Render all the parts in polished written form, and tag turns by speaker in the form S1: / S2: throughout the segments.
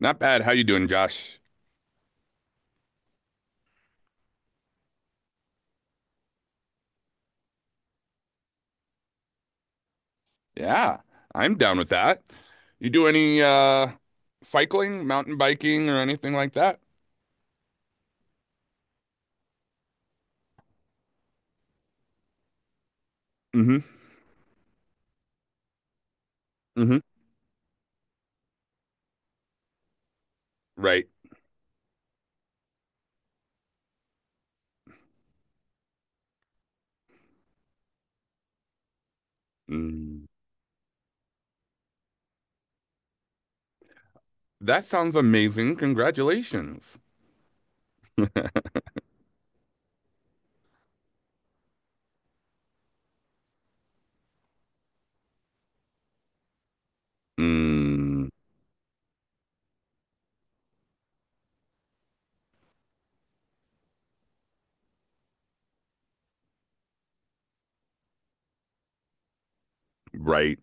S1: Not bad. How you doing, Josh? Yeah, I'm down with that. You do any cycling, mountain biking, or anything like that? Hmm. Hmm. Right. Mm. That sounds amazing. Congratulations. Mm. Right.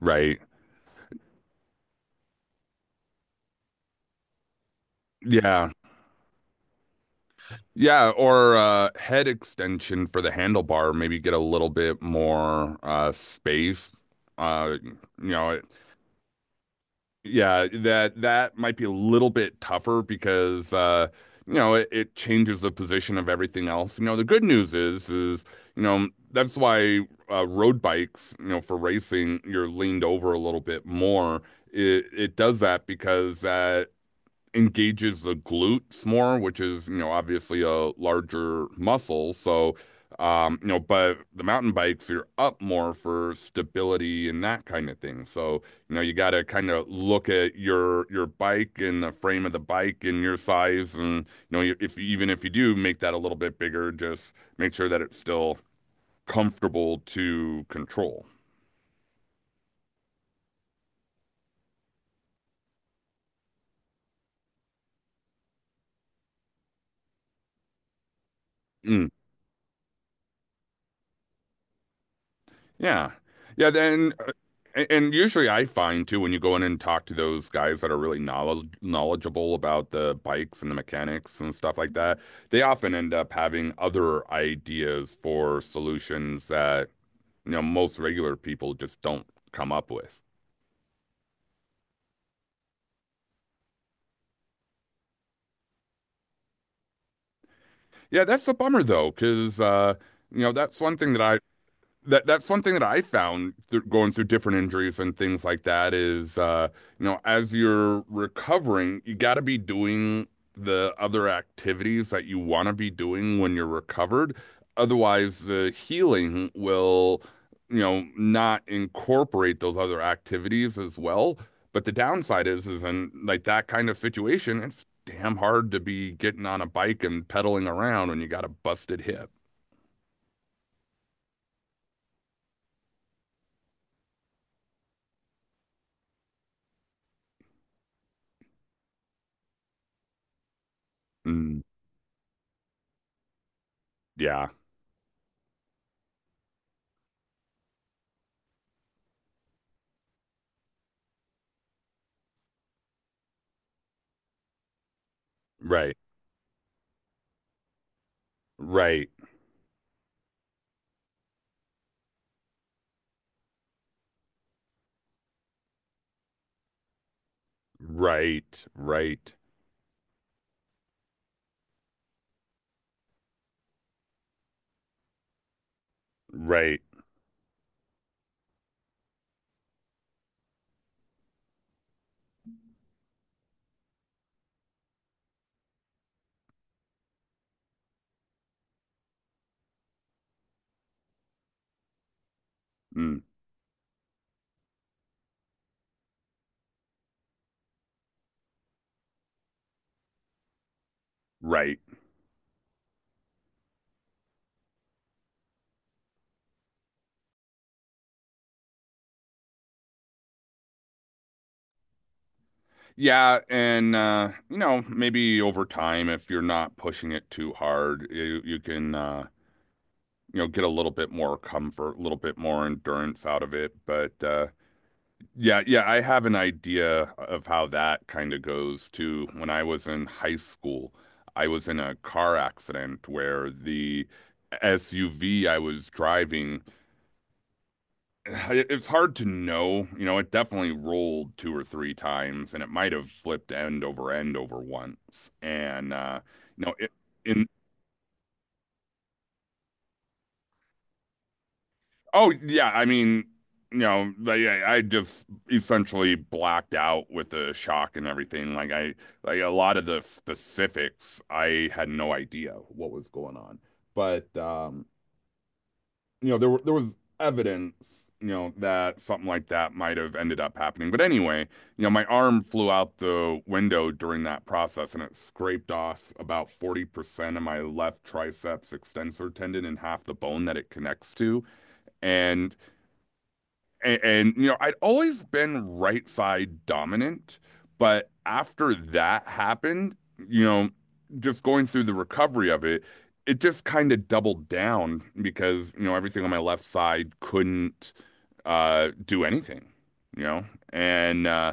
S1: Right. Yeah. Yeah, or head extension for the handlebar, maybe get a little bit more space. Uh you know, Yeah, that might be a little bit tougher because you know, it changes the position of everything else. You know, the good news is, you know, that's why road bikes, you know, for racing, you're leaned over a little bit more. It does that because engages the glutes more, which is, you know, obviously a larger muscle. So, you know, but the mountain bikes, you're up more for stability and that kind of thing. So, you know, you got to kind of look at your bike and the frame of the bike and your size, and you know, if even if you do make that a little bit bigger, just make sure that it's still comfortable to control. Mm. Yeah. Yeah, then, and usually I find too when you go in and talk to those guys that are really knowledgeable about the bikes and the mechanics and stuff like that, they often end up having other ideas for solutions that, you know, most regular people just don't come up with. Yeah, that's a bummer though, 'cause you know, that's one thing that I found through going through different injuries and things like that is you know, as you're recovering, you got to be doing the other activities that you want to be doing when you're recovered. Otherwise, the healing will not incorporate those other activities as well. But the downside is in like that kind of situation, it's damn hard to be getting on a bike and pedaling around when you got a busted hip. Mm, yeah, right. Right. Right, right, right, mm, right. Yeah, and you know, maybe over time, if you're not pushing it too hard, you can, you know, get a little bit more comfort, a little bit more endurance out of it. But yeah, yeah, I have an idea of how that kind of goes too. When I was in high school, I was in a car accident where the SUV I was driving. It's hard to know. You know, it definitely rolled two or three times, and it might have flipped end over end over once. And you know, it, in oh yeah, I mean, you know, like, I just essentially blacked out with the shock and everything. Like a lot of the specifics, I had no idea what was going on. But you know, there was evidence, you know, that something like that might have ended up happening. But anyway, you know, my arm flew out the window during that process and it scraped off about 40% of my left triceps extensor tendon and half the bone that it connects to. And and you know, I'd always been right side dominant, but after that happened, you know, just going through the recovery of it, it just kind of doubled down because, you know, everything on my left side couldn't do anything, you know. And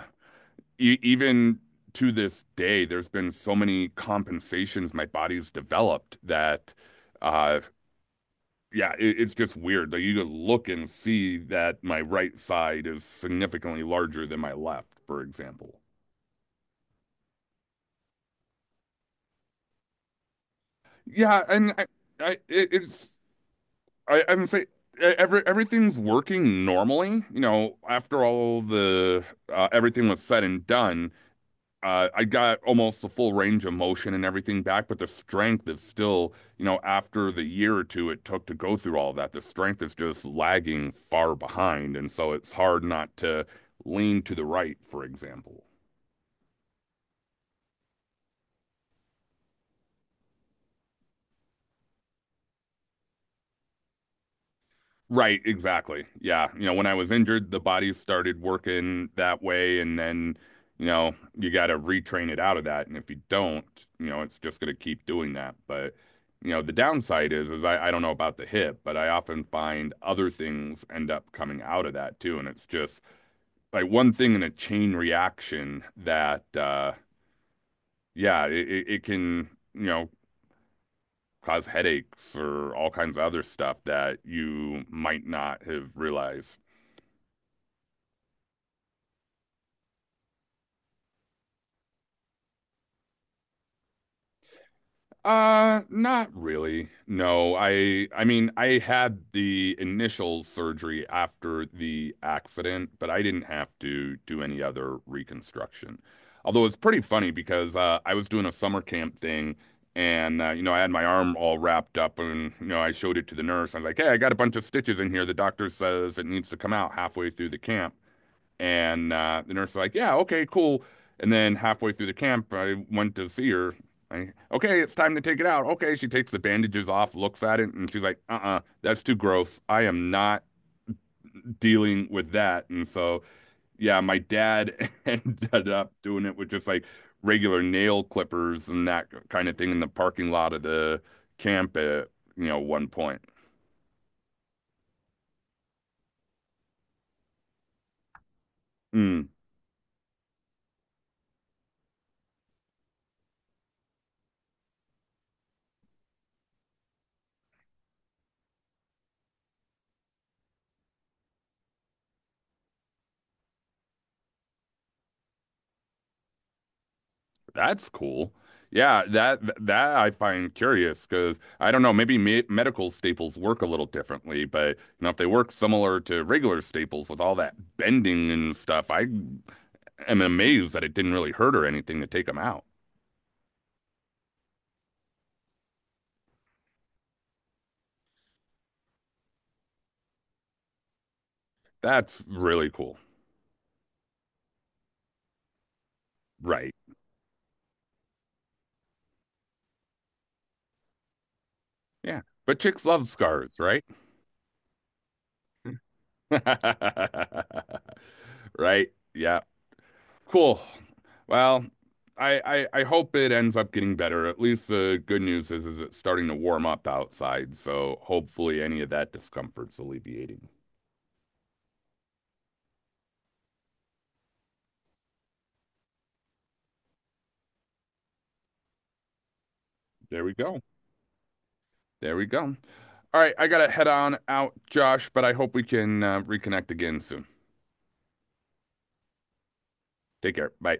S1: e even to this day, there's been so many compensations my body's developed that, uh yeah, it's just weird. Like you could look and see that my right side is significantly larger than my left, for example. Yeah, and I it, it's I would say everything's working normally. You know, after all the, everything was said and done. I got almost the full range of motion and everything back, but the strength is still, you know, after the year or two it took to go through all that, the strength is just lagging far behind. And so it's hard not to lean to the right, for example. Right, exactly. Yeah. You know, when I was injured, the body started working that way, and then, you know, you got to retrain it out of that. And if you don't, you know, it's just going to keep doing that. But, you know, the downside is I don't know about the hip, but I often find other things end up coming out of that too. And it's just like one thing in a chain reaction that, yeah, it can, you know, cause headaches or all kinds of other stuff that you might not have realized. Not really. No, I mean, I had the initial surgery after the accident, but I didn't have to do any other reconstruction. Although it's pretty funny because I was doing a summer camp thing and you know, I had my arm all wrapped up and you know, I showed it to the nurse. I was like, "Hey, I got a bunch of stitches in here. The doctor says it needs to come out halfway through the camp." And the nurse was like, yeah, okay, cool. And then halfway through the camp, I went to see her. Okay, it's time to take it out. Okay, she takes the bandages off, looks at it, and she's like, uh-uh, that's too gross. I am not dealing with that. And so, yeah, my dad ended up doing it with just like regular nail clippers and that kind of thing in the parking lot of the camp at, you know, one point. Mm. That's cool. Yeah, that I find curious because I don't know, maybe me medical staples work a little differently, but you know, if they work similar to regular staples with all that bending and stuff, I am amazed that it didn't really hurt or anything to take them out. That's really cool. Right. Yeah. But chicks love scars, right? Right. Yeah. Cool. Well, I, I hope it ends up getting better. At least the good news is it's starting to warm up outside, so hopefully any of that discomfort's alleviating. There we go. There we go. All right, I gotta head on out, Josh, but I hope we can reconnect again soon. Take care. Bye.